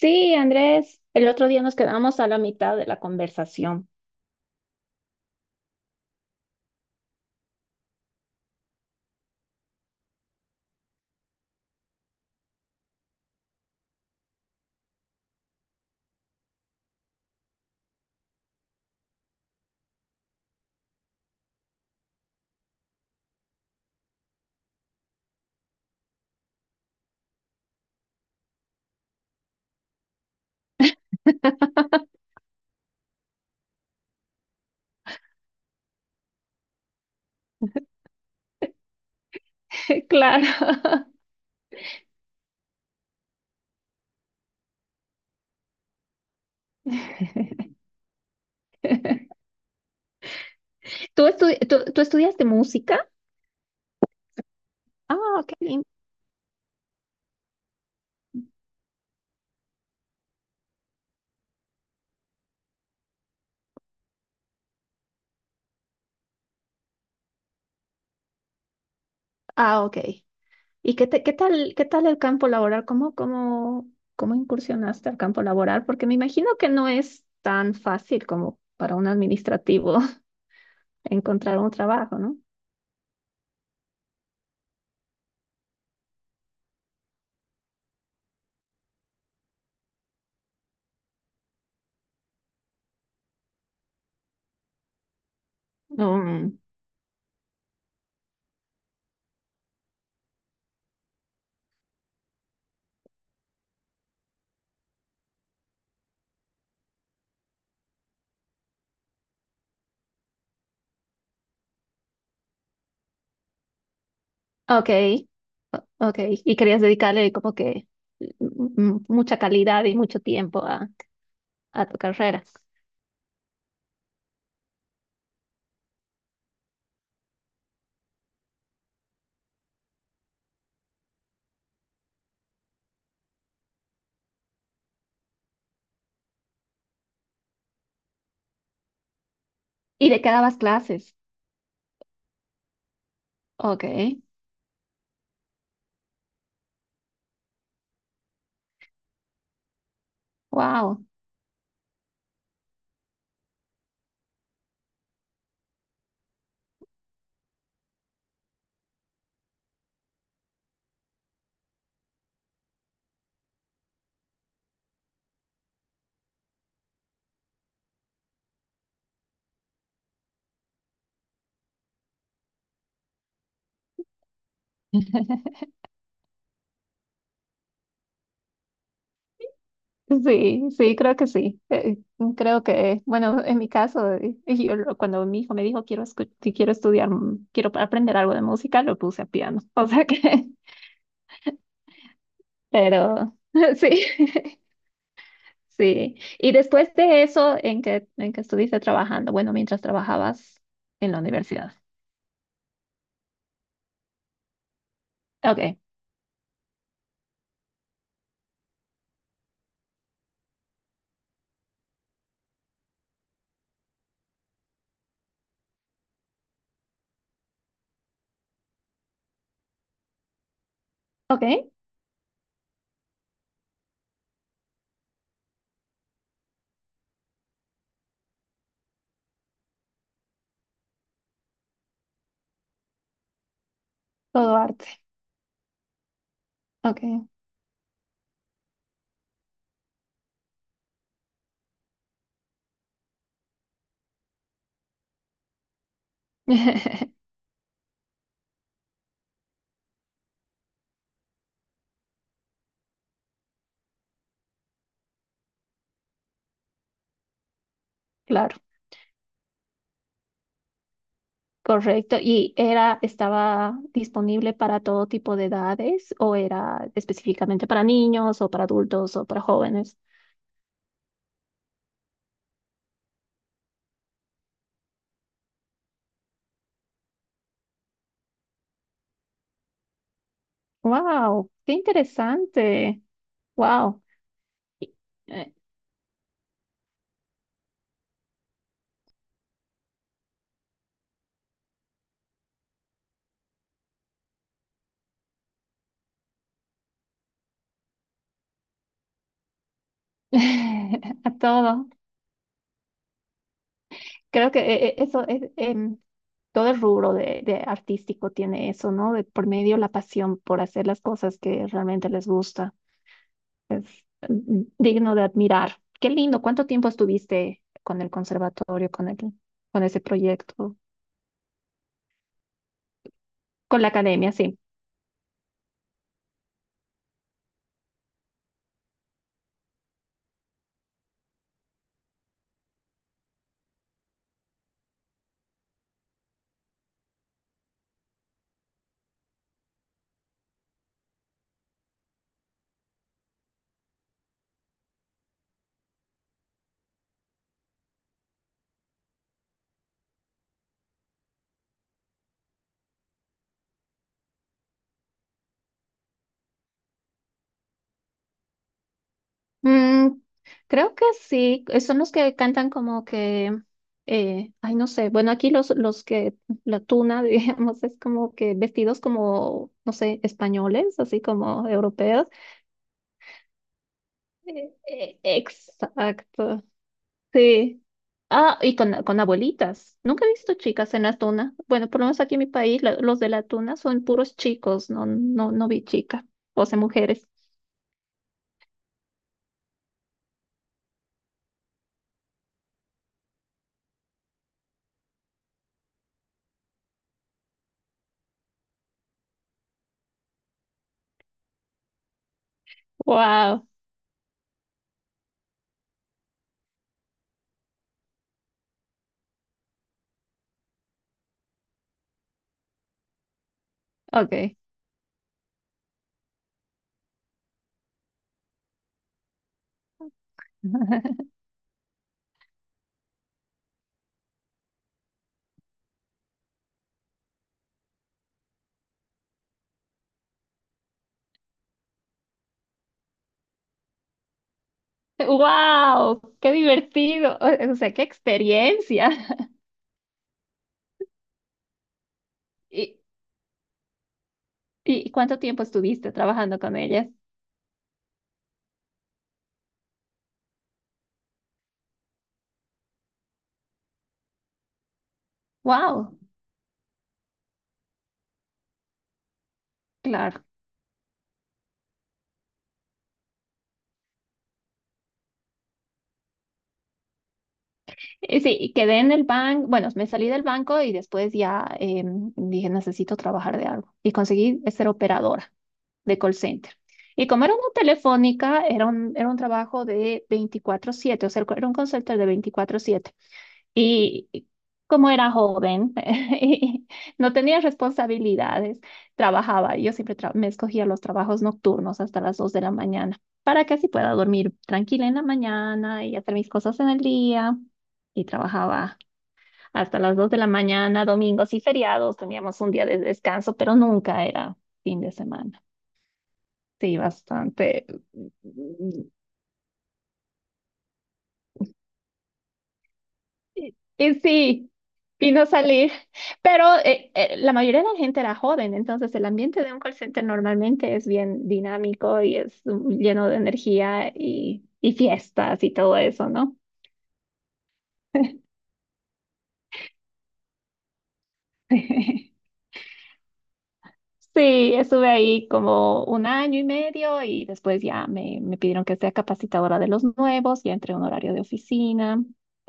Sí, Andrés, el otro día nos quedamos a la mitad de la conversación. Claro. ¿Tú, tú estudiaste música? Ah, qué lindo. Ah, ok. ¿Y qué, qué tal el campo laboral? ¿Cómo, cómo incursionaste al campo laboral? Porque me imagino que no es tan fácil como para un administrativo encontrar un trabajo, ¿no? Mm, ok, ok. Y querías dedicarle como que mucha calidad y mucho tiempo a tu carrera. ¿Y de qué quedabas clases? Ok, wow. Sí, sí. Creo que, bueno, en mi caso, cuando mi hijo me dijo quiero si quiero estudiar, quiero aprender algo de música, lo puse a piano. O sea que, pero sí, sí. Y después de eso, en que estuviste trabajando? Bueno, mientras trabajabas en la universidad. Ok, ok, todo arte. Ok, claro. Correcto. ¿Y era, estaba disponible para todo tipo de edades o era específicamente para niños o para adultos o para jóvenes? Wow, qué interesante. Wow. Y- eh, A todo. Creo que eso es todo el rubro de artístico tiene eso, ¿no? De por medio la pasión por hacer las cosas que realmente les gusta. Es mm, digno de admirar. Qué lindo. ¿Cuánto tiempo estuviste con el conservatorio, con el, con ese proyecto, con la academia? Sí. Mm, creo que sí. Son los que cantan como que, ay, no sé. Bueno, aquí los que, la tuna, digamos, es como que vestidos como, no sé, españoles, así como europeos. Exacto. Sí. Ah, y con abuelitas. Nunca he visto chicas en la tuna. Bueno, por lo menos aquí en mi país, los de la tuna son puros chicos. No, no, no vi chicas. O sea, mujeres. Wow. Ok. Wow. Qué divertido. O sea, qué experiencia. ¿Y, y cuánto tiempo estuviste trabajando con ellas? Wow. Claro. Y sí, y quedé en el banco, bueno, me salí del banco y después ya dije, necesito trabajar de algo. Y conseguí ser operadora de call center. Y como era una telefónica, era un trabajo de 24/7, o sea, era un call center de 24/7. Y como era joven y no tenía responsabilidades, trabajaba. Yo siempre me escogía los trabajos nocturnos hasta las 2 de la mañana para que así pueda dormir tranquila en la mañana y hacer mis cosas en el día. Y trabajaba hasta las 2 de la mañana, domingos y feriados. Teníamos un día de descanso, pero nunca era fin de semana. Sí, bastante. Y sí, y no salí. Pero la mayoría de la gente era joven, entonces el ambiente de un call center normalmente es bien dinámico y es lleno de energía y fiestas y todo eso, ¿no? Sí, estuve ahí como un año y medio y después ya me pidieron que sea capacitadora de los nuevos, ya entré a un horario de oficina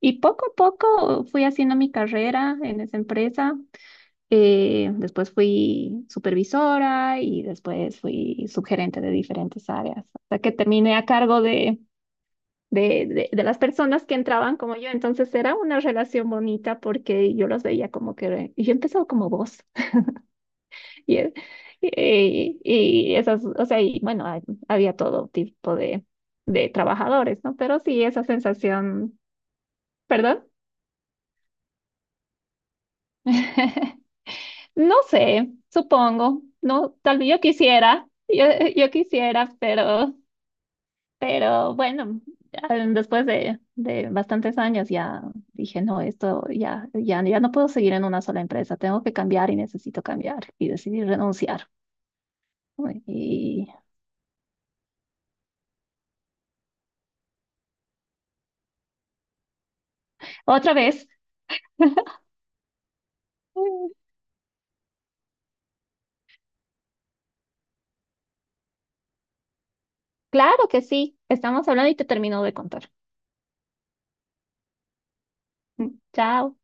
y poco a poco fui haciendo mi carrera en esa empresa. Después fui supervisora y después fui subgerente de diferentes áreas, hasta que terminé a cargo de, de las personas que entraban como yo. Entonces era una relación bonita porque yo los veía como que y yo empezaba como vos. Y, y esas, o sea, y bueno, había todo tipo de trabajadores, ¿no? Pero sí, esa sensación, perdón. No sé, supongo. No, tal vez yo quisiera, yo quisiera, pero bueno, ya después de bastantes años ya dije, no, esto ya, ya, ya no puedo seguir en una sola empresa, tengo que cambiar y necesito cambiar y decidí renunciar. ¿No? Y otra vez, mm, claro que sí, estamos hablando y te termino de contar. Mm, chao.